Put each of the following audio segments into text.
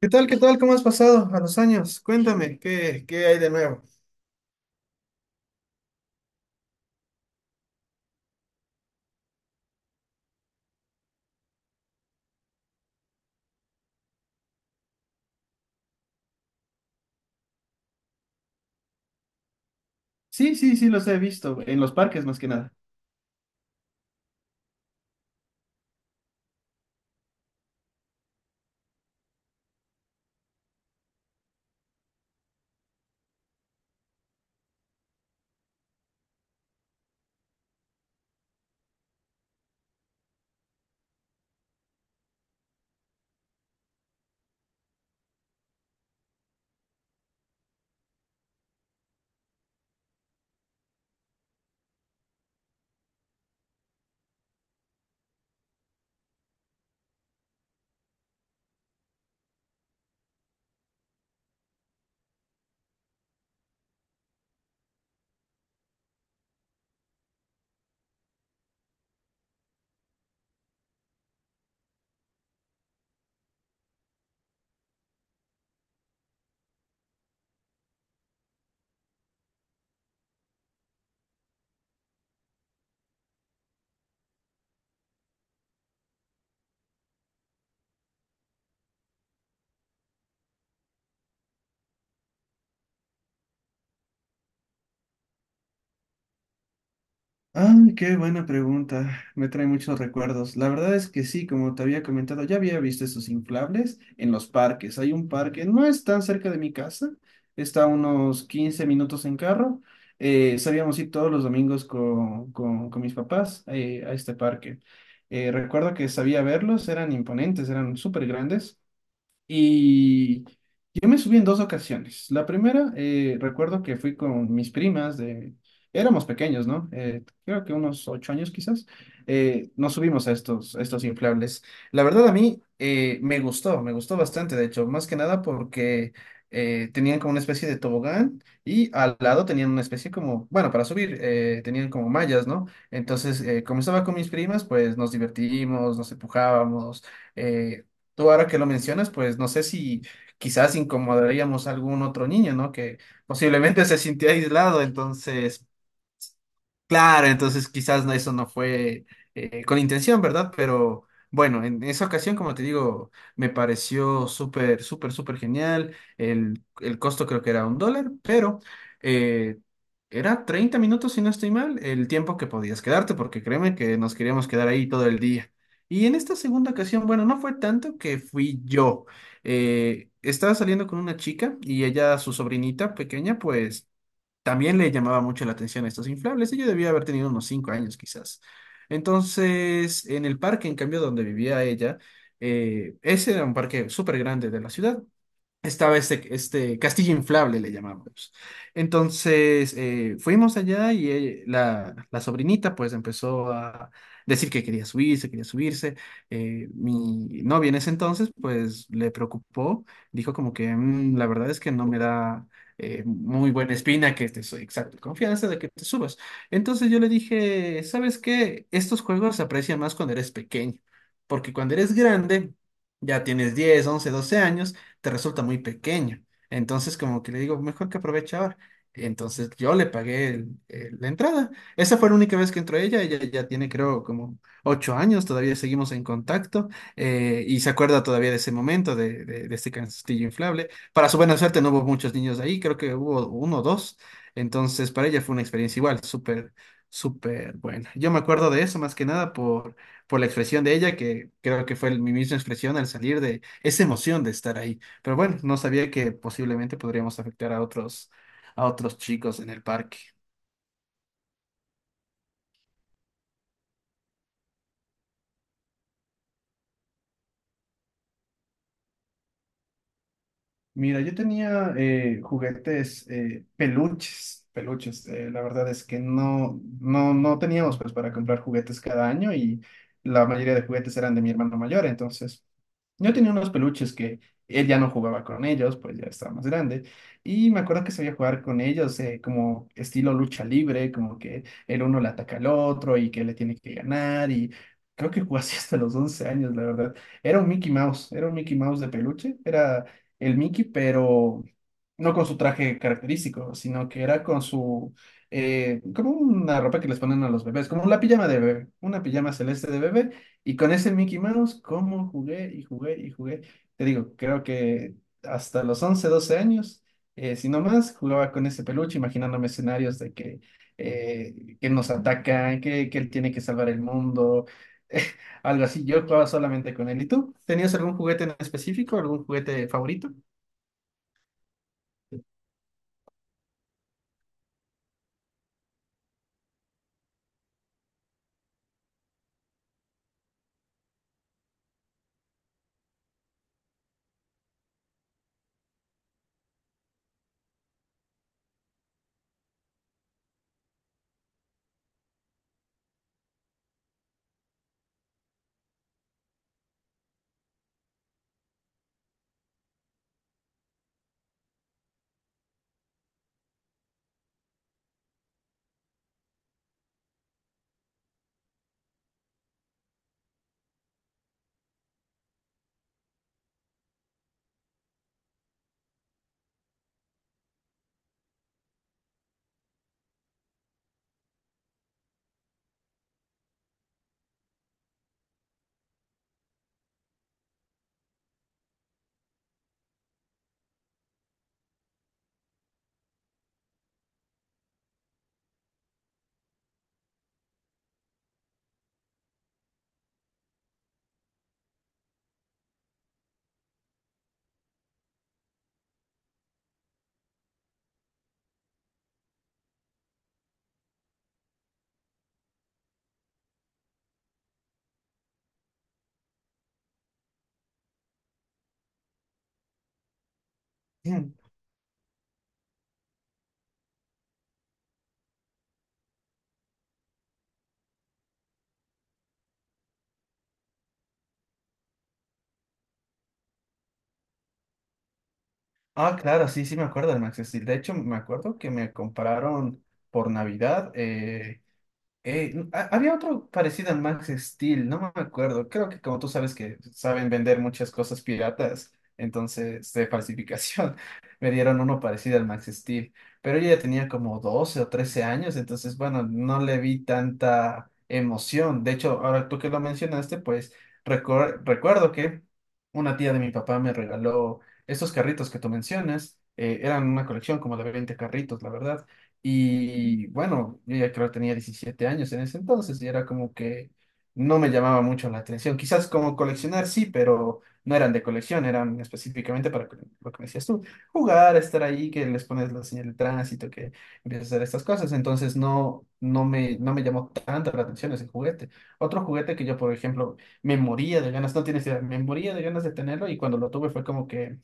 ¿Qué tal? ¿Qué tal? ¿Cómo has pasado a los años? Cuéntame, ¿qué hay de nuevo? Sí, sí, sí, los he visto, en los parques más que nada. Ah, qué buena pregunta. Me trae muchos recuerdos. La verdad es que sí, como te había comentado, ya había visto esos inflables en los parques. Hay un parque, no es tan cerca de mi casa, está a unos 15 minutos en carro. Solíamos ir todos los domingos con, con mis papás, a este parque. Recuerdo que sabía verlos, eran imponentes, eran súper grandes. Y yo me subí en dos ocasiones. La primera, recuerdo que fui con mis primas Éramos pequeños, ¿no? Creo que unos 8 años quizás. Nos subimos a estos inflables. La verdad a mí, me gustó bastante, de hecho, más que nada porque, tenían como una especie de tobogán y al lado tenían una especie como, bueno, para subir, tenían como mallas, ¿no? Entonces, como estaba con mis primas, pues nos divertimos, nos empujábamos. eh, Tú ahora que lo mencionas, pues no sé si quizás incomodaríamos a algún otro niño, ¿no? Que posiblemente se sintiera aislado. Entonces claro, entonces quizás no- eso no fue, con intención, ¿verdad? Pero bueno, en esa ocasión, como te digo, me pareció súper, súper, súper genial. El costo creo que era un dólar, pero, eh, era 30 minutos, si no estoy mal, el tiempo que podías quedarte, porque créeme que nos queríamos quedar ahí todo el día. Y en esta segunda ocasión, bueno, no fue tanto que fui yo. Estaba saliendo con una chica y ella, su sobrinita pequeña, pues también le llamaba mucho la atención a estos inflables. Ella debía haber tenido unos 5 años quizás. Entonces, en el parque, en cambio, donde vivía ella, ese era un parque súper grande de la ciudad. Estaba este castillo inflable, le llamábamos. Entonces, fuimos allá y, la sobrinita pues empezó a decir que quería subirse, quería subirse. Mi novia en ese entonces pues le preocupó, dijo como que: La verdad es que no me da, muy buena espina que te soy exacto, confianza de que te subas." Entonces yo le dije: "¿Sabes qué? Estos juegos se aprecian más cuando eres pequeño, porque cuando eres grande, ya tienes 10, 11, 12 años, te resulta muy pequeño." Entonces, como que le digo, mejor que aproveche ahora. Entonces, yo le pagué la entrada. Esa fue la única vez que entró ella. Ella ya tiene, creo, como 8 años. Todavía seguimos en contacto. Y se acuerda todavía de ese momento, de este castillo inflable. Para su buena suerte, no hubo muchos niños ahí. Creo que hubo uno o dos. Entonces, para ella fue una experiencia igual, súper, súper buena. Yo me acuerdo de eso más que nada por por la expresión de ella, que creo que fue mi misma expresión al salir de esa emoción de estar ahí. Pero bueno, no sabía que posiblemente podríamos afectar a otros chicos en el parque. Mira, yo tenía, juguetes, peluches, peluches. La verdad es que no, no, no teníamos pues para comprar juguetes cada año, y la mayoría de juguetes eran de mi hermano mayor. Entonces, yo tenía unos peluches que él ya no jugaba con ellos, pues ya estaba más grande. Y me acuerdo que sabía jugar con ellos, como estilo lucha libre, como que el uno le ataca al otro y que le tiene que ganar. Y creo que jugué así hasta los 11 años, la verdad. Era un Mickey Mouse, era un Mickey Mouse de peluche, era el Mickey, pero no con su traje característico, sino que era con su, como una ropa que les ponen a los bebés, como la pijama de bebé, una pijama celeste de bebé, y con ese Mickey Mouse, como jugué y jugué y jugué. Te digo, creo que hasta los 11, 12 años, si no más, jugaba con ese peluche, imaginándome escenarios de que nos atacan, que él tiene que salvar el mundo. Algo así, yo jugaba solamente con él. ¿Y tú? ¿Tenías algún juguete en específico, algún juguete favorito? Ah, claro, sí, sí me acuerdo del Max Steel. De hecho, me acuerdo que me compraron por Navidad, había otro parecido al Max Steel, no me acuerdo. Creo que como tú sabes que saben vender muchas cosas piratas, entonces de falsificación, me dieron uno parecido al Max Steel. Pero yo ya tenía como 12 o 13 años, entonces bueno, no le vi tanta emoción. De hecho, ahora tú que lo mencionaste, pues recuerdo que una tía de mi papá me regaló estos carritos que tú mencionas. Eran una colección como de 20 carritos, la verdad. Y bueno, yo ya creo que tenía 17 años en ese entonces y era como que no me llamaba mucho la atención. Quizás como coleccionar sí, pero no eran de colección, eran específicamente para lo que me decías tú, jugar, estar ahí, que les pones la señal de tránsito, que empiezas a hacer estas cosas. Entonces no, no me llamó tanto la atención ese juguete. Otro juguete que yo, por ejemplo, me moría de ganas, no tienes idea, me moría de ganas de tenerlo, y cuando lo tuve fue como que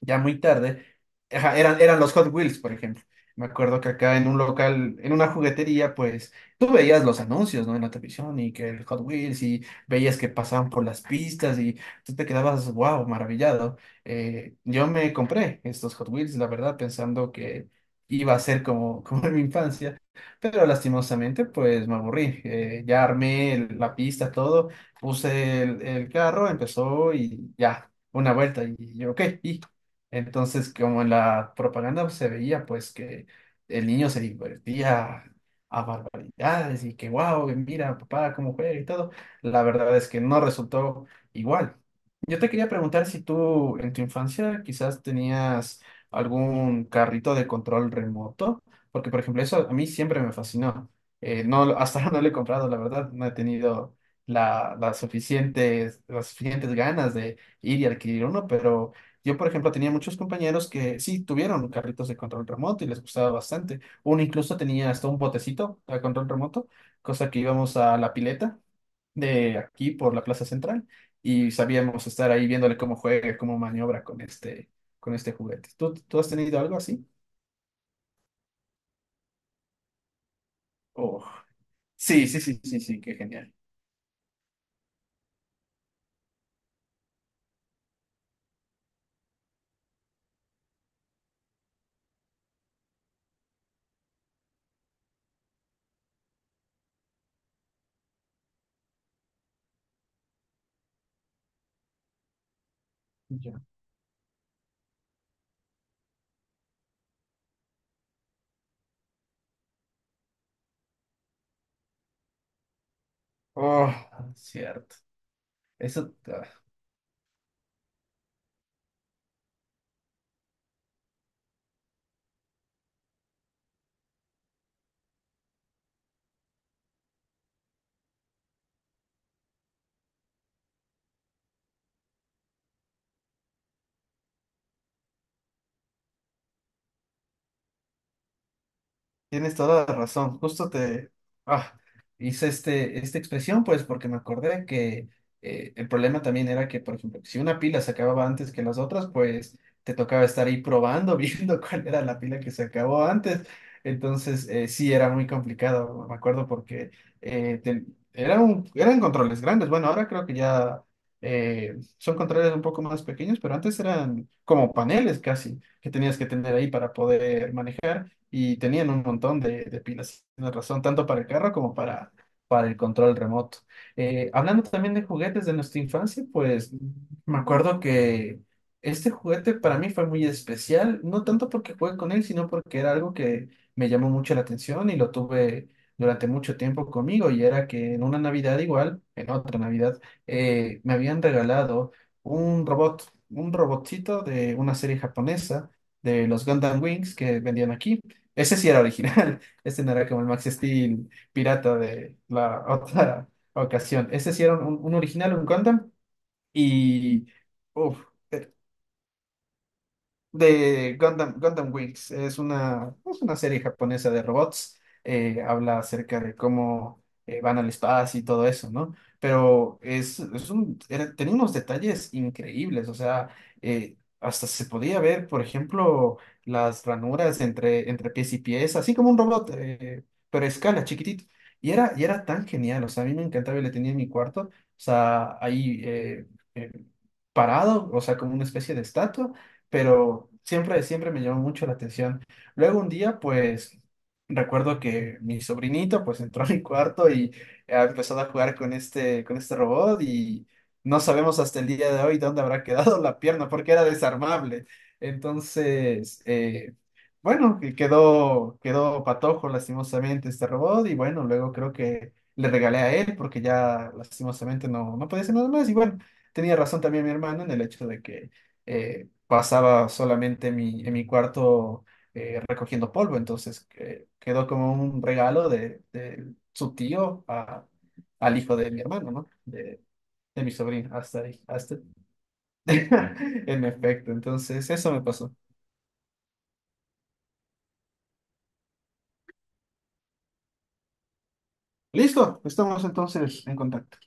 ya muy tarde, ajá, eran los Hot Wheels, por ejemplo. Me acuerdo que acá en un local, en una juguetería, pues tú veías los anuncios, ¿no? En la televisión, y que el Hot Wheels, y veías que pasaban por las pistas y tú te quedabas, wow, maravillado. Yo me compré estos Hot Wheels, la verdad, pensando que iba a ser como, como en mi infancia, pero lastimosamente, pues me aburrí. Ya armé la pista, todo, puse el carro, empezó y ya, una vuelta y yo, ok, y entonces, como en la propaganda se veía, pues que el niño se divertía a barbaridades y que, wow, mira, papá, cómo juega y todo, la verdad es que no resultó igual. Yo te quería preguntar si tú en tu infancia quizás tenías algún carrito de control remoto, porque por ejemplo eso a mí siempre me fascinó. No, hasta ahora no lo he comprado, la verdad, no he tenido las suficientes ganas de ir y adquirir uno, pero yo por ejemplo tenía muchos compañeros que sí tuvieron carritos de control remoto y les gustaba bastante. Uno incluso tenía hasta un botecito de control remoto, cosa que íbamos a la pileta de aquí por la Plaza Central y sabíamos estar ahí viéndole cómo juega, cómo maniobra con este juguete. ¿Tú has tenido algo así? Oh, sí, sí, sí, sí, sí, qué genial. Ya. Oh, cierto. Eso. Tienes toda la razón. Justo te, ah, hice esta expresión, pues, porque me acordé que, el problema también era que, por ejemplo, si una pila se acababa antes que las otras, pues te tocaba estar ahí probando, viendo cuál era la pila que se acabó antes. Entonces, sí, era muy complicado, me acuerdo, porque eh, te- eran controles grandes. Bueno, ahora creo que ya, son controles un poco más pequeños, pero antes eran como paneles casi que tenías que tener ahí para poder manejar, y tenían un montón de pilas, tienes razón, tanto para el carro como para el control remoto. Hablando también de juguetes de nuestra infancia, pues me acuerdo que este juguete para mí fue muy especial, no tanto porque jugué con él, sino porque era algo que me llamó mucho la atención y lo tuve durante mucho tiempo conmigo, y era que en una Navidad igual, en otra Navidad, me habían regalado un robot, un robotcito de una serie japonesa de los Gundam Wings que vendían aquí. Ese sí era original. Ese no era como el Max Steel pirata de la otra ocasión. Ese sí era un original, un Gundam. Y. Uf. De Gundam Wings. Es una serie japonesa de robots. Habla acerca de cómo, van al espacio y todo eso, ¿no? Pero tenía unos detalles increíbles. O sea, hasta se podía ver, por ejemplo, las ranuras entre pies y pies, así como un robot, pero a escala, chiquitito. Y era tan genial. O sea, a mí me encantaba y le tenía en mi cuarto. O sea, ahí, eh, parado, o sea, como una especie de estatua, pero siempre, siempre me llamó mucho la atención. Luego un día, pues, recuerdo que mi sobrinito, pues, entró a mi cuarto y ha empezado a jugar con este robot, y no sabemos hasta el día de hoy dónde habrá quedado la pierna porque era desarmable. Entonces, bueno, que quedó patojo lastimosamente este robot, y bueno, luego creo que le regalé a él porque ya lastimosamente no podía hacer nada más, y bueno, tenía razón también mi hermano en el hecho de que... eh, pasaba solamente en mi cuarto, recogiendo polvo, entonces quedó como un regalo de su tío al hijo de mi hermano, ¿no? De mi sobrino, hasta ahí, hasta en efecto, entonces eso me pasó. Listo, estamos entonces en contacto.